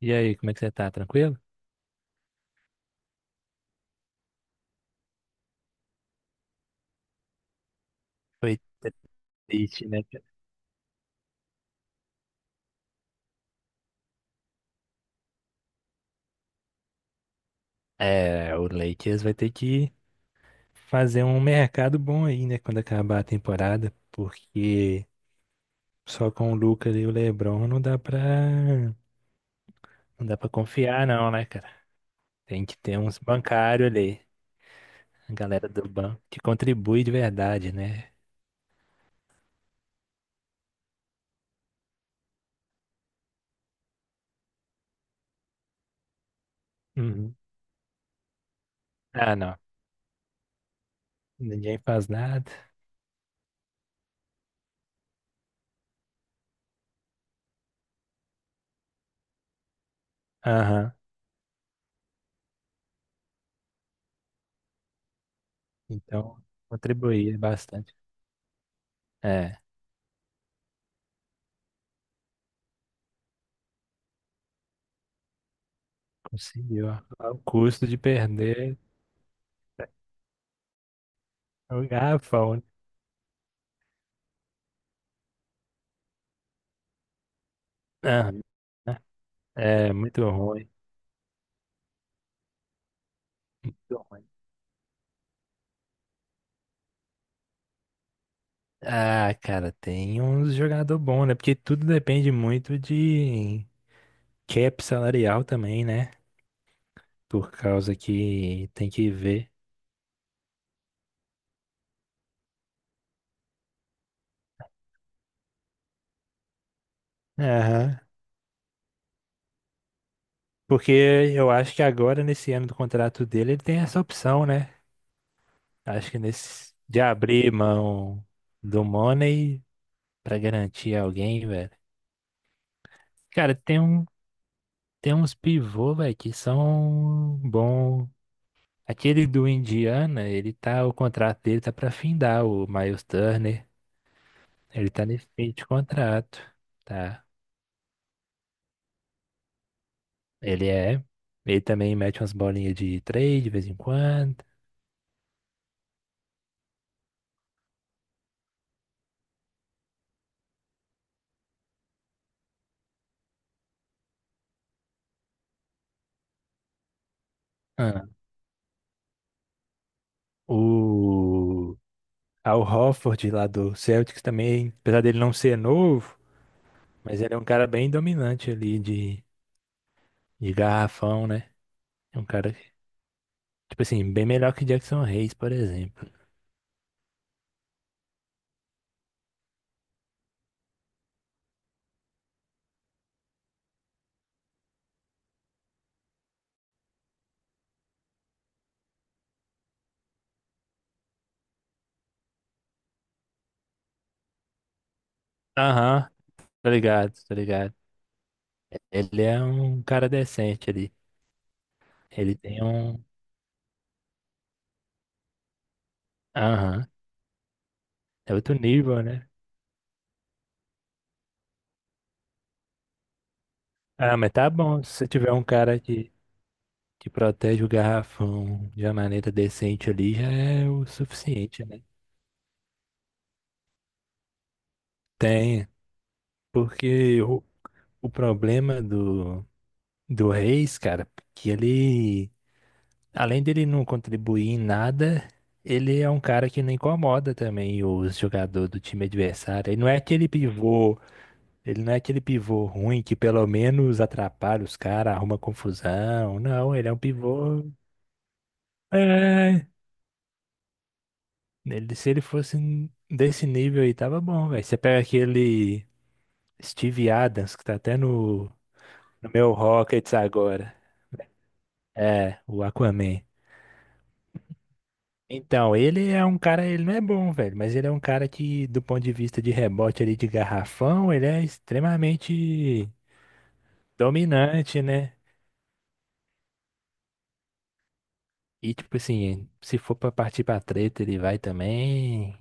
E aí, como é que você tá? Tranquilo? Foi triste, né, cara? É, o Lakers vai ter que fazer um mercado bom aí, né, quando acabar a temporada, porque só com o Lucas e o LeBron não dá pra, não dá pra confiar não, né, cara? Tem que ter uns bancários ali, a galera do banco, que contribui de verdade, né? Uhum. Ah, não. Ninguém faz nada. Aham. Então, contribuir bastante. É, conseguiu. Ó. Ao custo de perder. O garrafão. Ah, é muito ruim. Muito ruim. Ah, cara, tem uns jogador bom, né? Porque tudo depende muito de cap salarial também, né? Por causa que tem que ver. Aham. Porque eu acho que agora, nesse ano do contrato dele, ele tem essa opção, né? Acho que nesse de abrir mão do money pra garantir alguém, velho. Cara, tem uns pivô, velho, que são bom. Aquele do Indiana, ele tá, o contrato dele tá pra findar, o Miles Turner. Ele tá nesse fim de contrato, tá? Ele é. Ele também mete umas bolinhas de três de vez em quando. Ah, o Al Horford lá do Celtics também, apesar dele não ser novo, mas ele é um cara bem dominante ali de garrafão, né? É um cara, tipo assim, bem melhor que Jackson Hayes, por exemplo. Aham, tá ligado. Ele é um cara decente ali. Ele tem um. Aham. É outro nível, né? Ah, mas tá bom. Se você tiver um cara que protege o garrafão de uma maneira decente ali, já é o suficiente, né? Tem. Porque o problema do, do Reis, cara, que ele. Além dele não contribuir em nada, ele é um cara que não incomoda também os jogadores do time adversário. Ele não é aquele pivô. Ele não é aquele pivô ruim que pelo menos atrapalha os caras, arruma confusão. Não, ele é um pivô. É. Ele, se ele fosse n- desse nível aí, tava bom, velho. Você pega aquele Steve Adams, que tá até no, no meu Rockets agora. É, o Aquaman. Então, ele é um cara, ele não é bom, velho, mas ele é um cara que, do ponto de vista de rebote ali de garrafão, ele é extremamente dominante, né? E tipo assim, se for pra partir pra treta, ele vai também.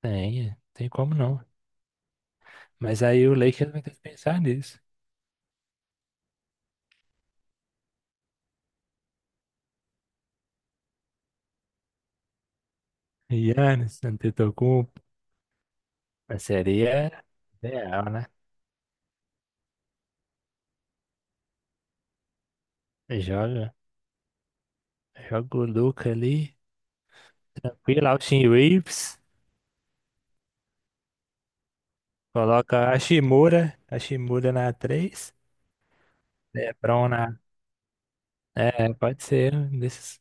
Tem, tem como não. Mas aí o Lakers vai ter que pensar nisso. Giannis, Antetokounmpo, mas seria ideal, né? Joga, joga o Luka ali, tranquilo, Austin Reeves, coloca a Shimura na três, LeBron na... É, pode ser um desses.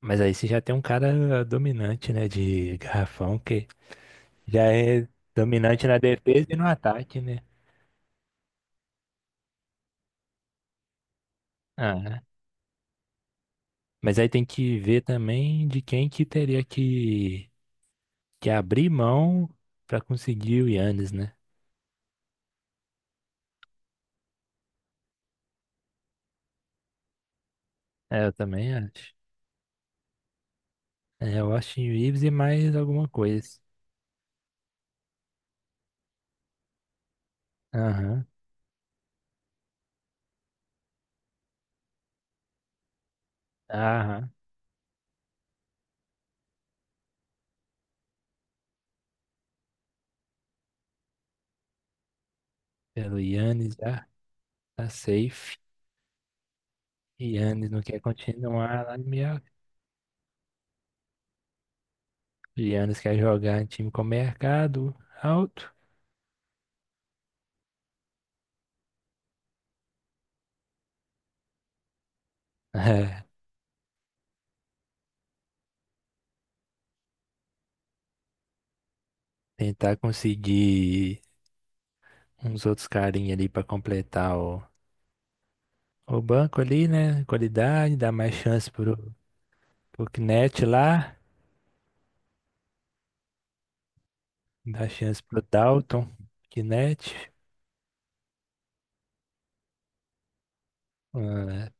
Mas aí você já tem um cara dominante, né, de garrafão, que já é dominante na defesa e no ataque, né? Ah, mas aí tem que ver também de quem que teria que abrir mão para conseguir o Yannis, né? É, eu também acho. É, o Austin Reeves e mais alguma coisa. Aham, aham. Pelo Yannis já tá safe. Yannis não quer continuar lá no Milwaukee. Yannis quer jogar em time com mercado alto. É, tentar conseguir uns outros carinha ali para completar o banco ali, né? Qualidade, dar mais chance pro O Knet lá, dá chance pro Dalton. Knet, ah,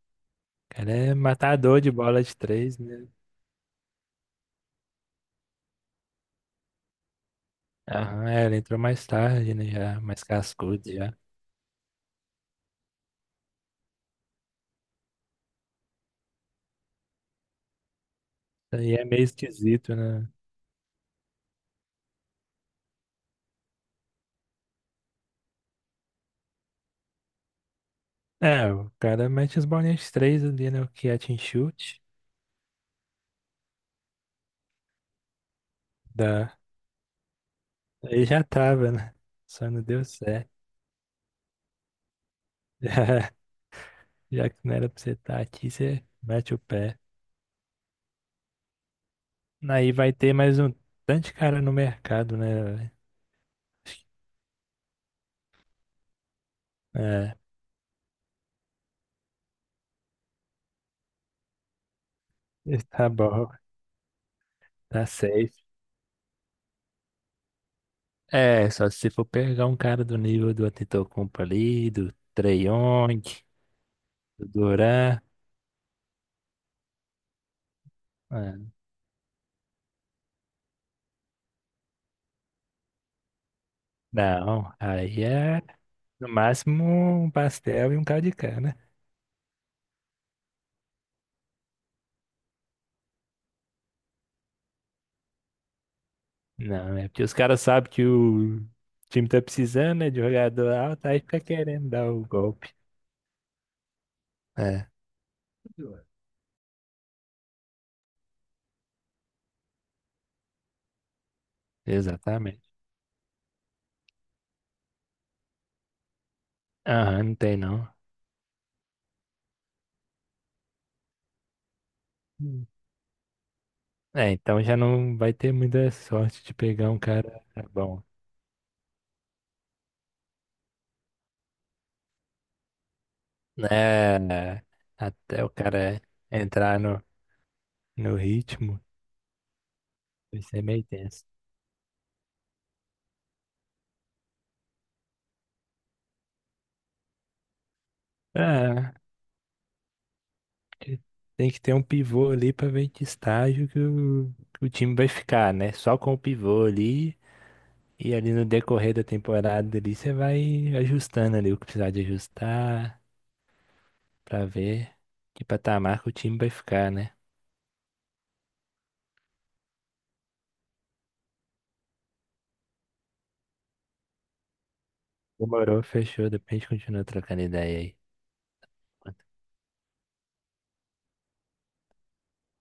o cara é matador de bola de três, né? Aham, é, ele entrou mais tarde, né? Já, mais cascudo já. Aí é meio esquisito, né? É, o cara mete as bolinhas de três ali, né? O catch and shoot. Dá. Aí já tava, né? Só não deu certo. Já que não era pra você estar aqui, você mete o pé. Aí vai ter mais um tanto de cara no mercado, né, velho? É, tá bom. Tá safe. É, só se for pegar um cara do nível do Antetokounmpo ali, do Trae Young, do Duran. Ah, não, aí é no máximo um pastel e um caldo de cana. Não, é porque os caras sabem que o time tá precisando, né, de jogador alto, aí fica querendo dar o golpe. É, exatamente. Aham, não tem não. Hum. É, então já não vai ter muita sorte de pegar um cara bom, né? Até o cara entrar no, no ritmo, vai ser meio tenso. É, tem que ter um pivô ali pra ver que estágio que que o time vai ficar, né? Só com o pivô ali. E ali no decorrer da temporada ali, você vai ajustando ali o que precisar de ajustar pra ver que patamar que o time vai ficar, né? Demorou, fechou. Depois a gente continua trocando ideia aí.